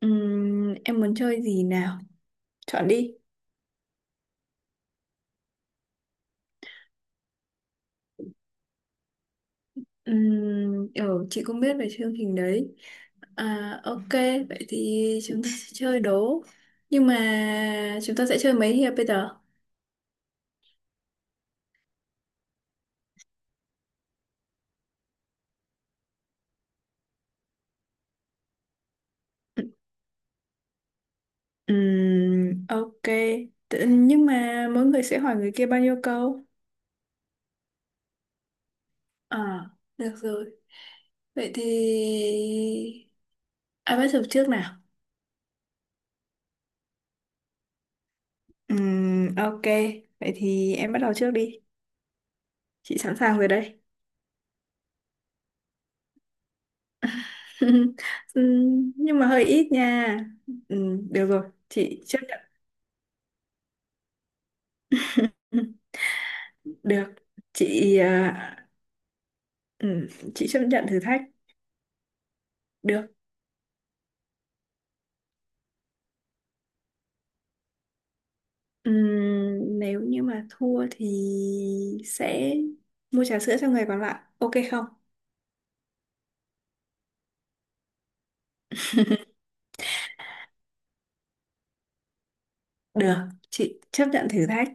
Em muốn chơi gì nào? Chọn đi. Ừ, chị cũng biết về chương trình đấy. À, ok, vậy thì chúng ta sẽ chơi đố. Nhưng mà chúng ta sẽ chơi mấy hiệp bây giờ? Ok. Nhưng mà mỗi người sẽ hỏi người kia bao nhiêu câu? À, được rồi. Vậy thì... ai bắt đầu trước nào? Ok. Vậy thì em bắt đầu trước đi. Chị sẵn sàng rồi đây. Ừ, nhưng mà hơi ít nha. Ừ, được rồi, chị chấp nhận. Ừ, được. Chị à, ừ, chị chấp nhận thử thách. Được. Ừ, nếu như mà thua thì sẽ mua trà sữa cho người còn lại, ok không? Được, chị chấp nhận thử thách.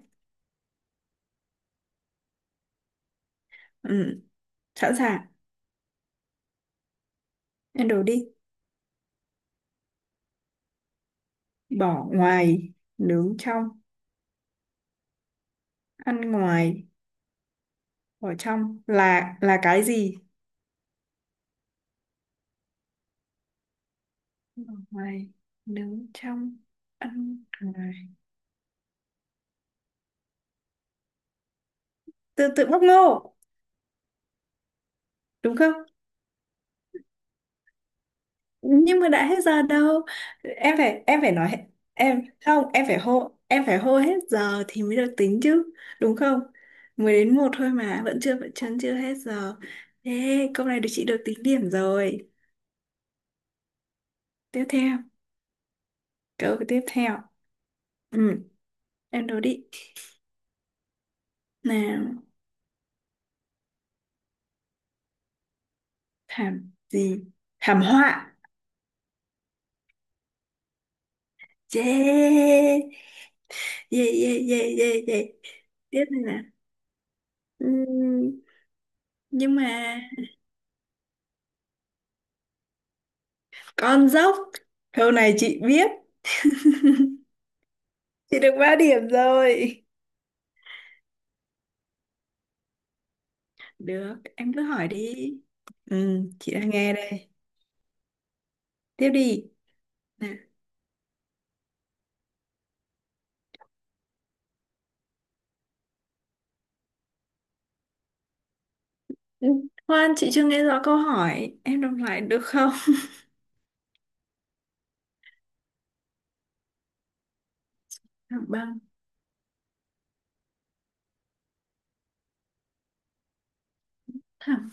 Ừ, sẵn sàng. Ăn đồ đi. Bỏ ngoài nướng trong, ăn ngoài bỏ trong là cái gì? Bỏ ngoài nướng trong, ăn ngoài. Tự tự bóc ngô, đúng không? Nhưng mà đã hết giờ đâu. Em phải em không, em phải hô hết giờ thì mới được tính chứ. Đúng không? Mới đến một thôi mà vẫn chưa vẫn chân chưa hết giờ. Thế câu này chị được tính điểm rồi. Tiếp theo Câu tiếp theo. Ừ, em đố đi nào. Thảm gì? Thảm họa. Yeah, yeah, yeah, yeah, yeah, yeah. Tiếp này nè. Ừm, nhưng mà. Con dốc. Câu này chị biết. Chị được 3 điểm rồi. Được, em cứ hỏi đi. Ừ, chị đang nghe đây. Tiếp đi. Nè. Ừ, khoan, chị chưa nghe rõ câu hỏi. Em đọc lại được không? Thẳng băng. Thẳng,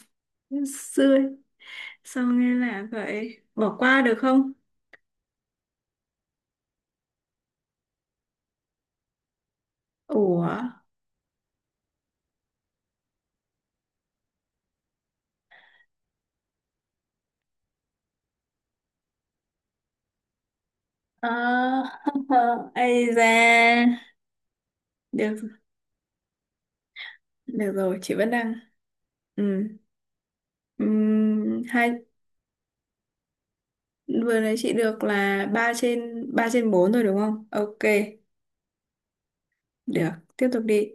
xuôi. Sao nghe lạ vậy? Bỏ qua được không? Ủa? Ờ, ây da. Được, được rồi, chị vẫn đang. Ừ. Hai, vừa nãy chị được là 3 trên ba, trên 4 rồi đúng không? Ok, được, tiếp tục đi.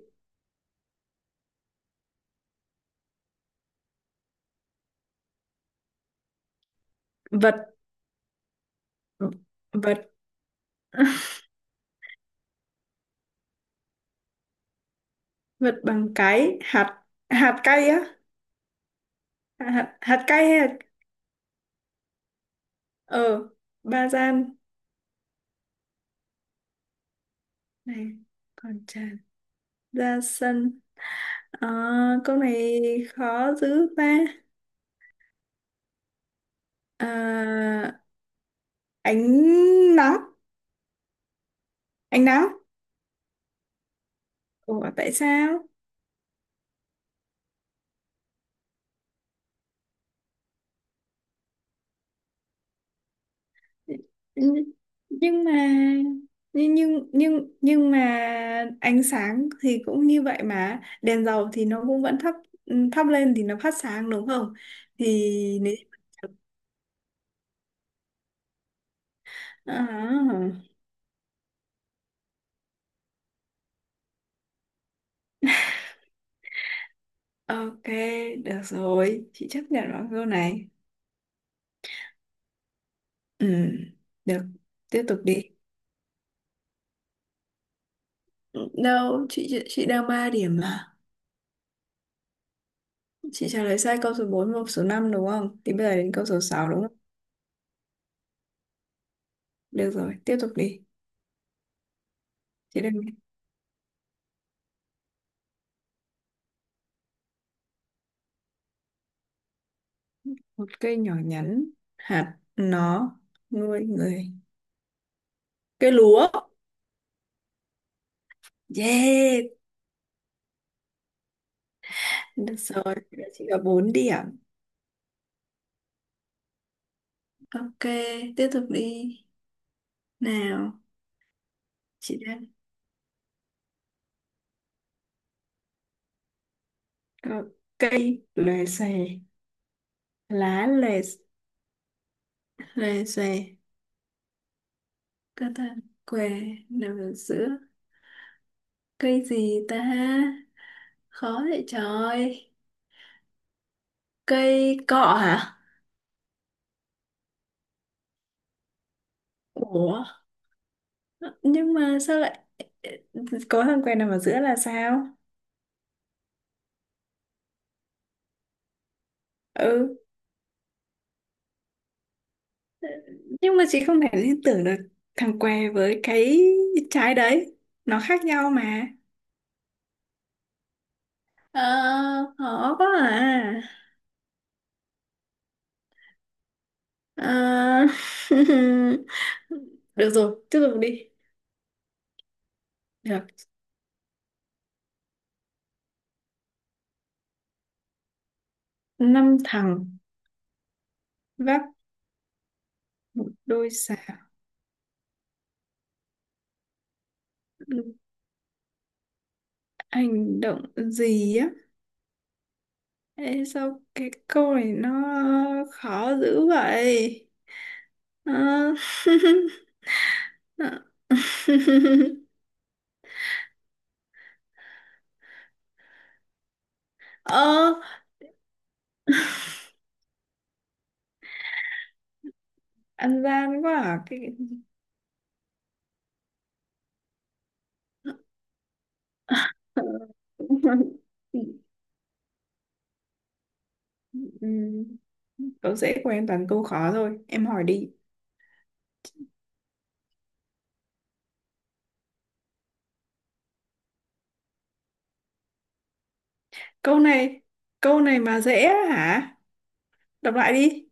Vật vật vật bằng cái hạt hạt cay á, hạt hạt cay hay hạt. Ờ, ba gian này còn tràn ra sân. À, câu này khó dữ ta. À, ánh nắng, ánh nắng. Ủa tại sao? nhưng mà nhưng mà ánh sáng thì cũng như vậy, mà đèn dầu thì nó cũng vẫn thắp thắp lên thì nó phát sáng, đúng không? thì nếu- À, ok, được rồi, chị chấp nhận vào câu này. Ừ, được, tiếp tục đi. Đâu, chị đang ba điểm mà. Chị trả lời sai câu số bốn và số 5 đúng không? Thì bây giờ đến câu số 6 đúng không? Được rồi, tiếp tục đi. Chị đang Một cây nhỏ nhắn, hạt nó nuôi người. Cây lúa. Yeah, được rồi, chị có 4 điểm. Ok, tiếp tục đi nào. Chị đang Có cây lòe xòe, lá lòe lòe xòe, cơ ta, què nằm ở giữa. Cây gì ta? Khó vậy trời. Cây cọ hả? Ủa, nhưng mà sao lại có thằng què nằm ở giữa là sao? Ừ, nhưng mà chị không thể liên tưởng được thằng què với cái trái đấy, nó khác nhau mà. Ờ, khó quá à. Ờ, được rồi, tiếp tục đi. được Năm thằng vác một đôi sào, hành động gì á? Ê, sao cái câu này nó khó dữ vậy? Ờ, ờ, ờ, ăn gian quá à. Ừm, Tớ dễ của em toàn câu khó thôi. Em hỏi đi. Câu này. Câu này mà dễ á hả? Đọc lại đi.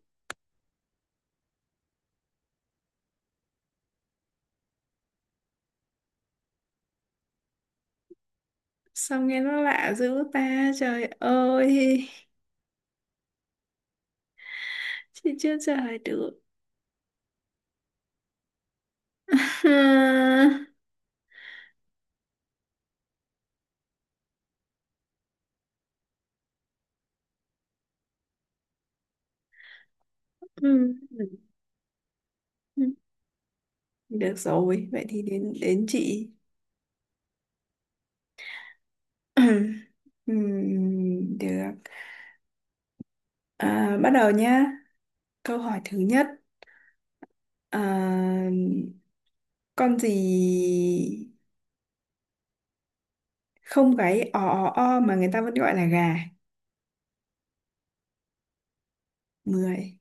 Sao nghe nó lạ dữ ta. Trời ơi. Chị chưa trả lời được. Ha. Ừm. Được rồi. Vậy thì đến đến chị. Được, à, bắt đầu nhá. Câu hỏi thứ nhất, à, con gì không cái o o o mà người ta vẫn gọi là gà? 10,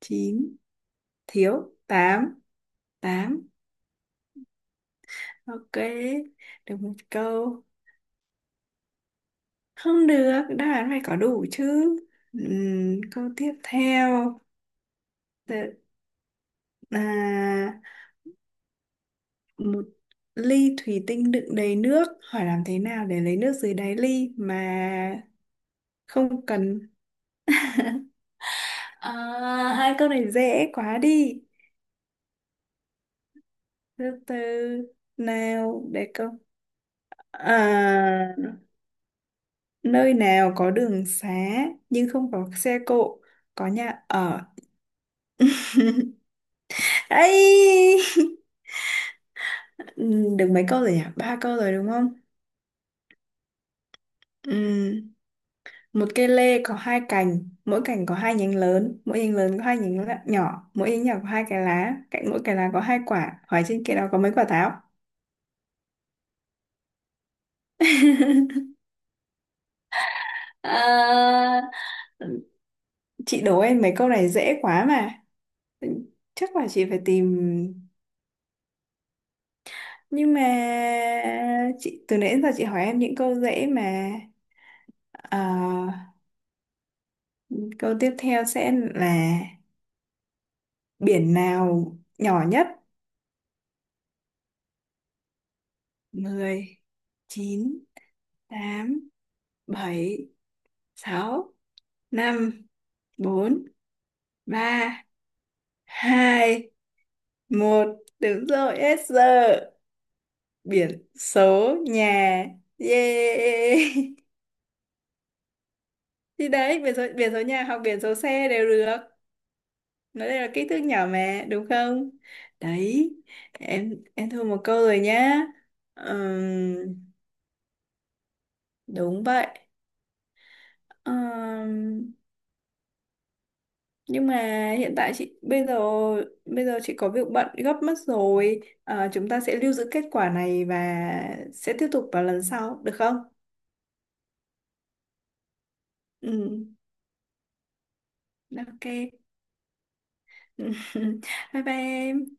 chín, thiếu tám, tám. Ok, được một câu. Không được, đáp án phải có đủ chứ. Câu tiếp theo. Tự- À, một ly thủy tinh đựng đầy nước, hỏi làm thế nào để lấy nước dưới đáy ly mà không cần? À, hai câu này dễ quá đi. Từ từ nào, để câu à. Nơi nào có đường xá nhưng không có xe cộ, có nhà ở. ấy. Được mấy câu rồi nhỉ? Ba câu rồi đúng không? Ừm, Một cây lê có hai cành, mỗi cành có hai nhánh lớn, mỗi nhánh lớn có hai nhánh nhỏ, mỗi nhánh nhỏ có hai cái lá, cạnh mỗi cái lá có hai quả. Hỏi trên kia đó có mấy quả táo? À, chị đố em mấy câu này dễ quá mà. Chắc là chị phải tìm. Nhưng mà chị từ nãy đến giờ chị hỏi em những câu dễ mà. Ờ, câu tiếp theo sẽ là biển nào nhỏ nhất? 10, chín, tám, bảy, sáu, năm, bốn, ba, hai, một. Đúng rồi, yes. Biển số nhà. Yeah. Thì đấy, biển số nhà hoặc biển số xe đều được. Nói đây là ký thước nhỏ mà, đúng không? Đấy, em thua một câu rồi nhá. Ừm, Đúng vậy. Ừm, nhưng mà hiện tại chị bây giờ, chị có việc bận gấp mất rồi. Ờ, chúng ta sẽ lưu giữ kết quả này và sẽ tiếp tục vào lần sau, được không? Ừ, ok. Bye bye em.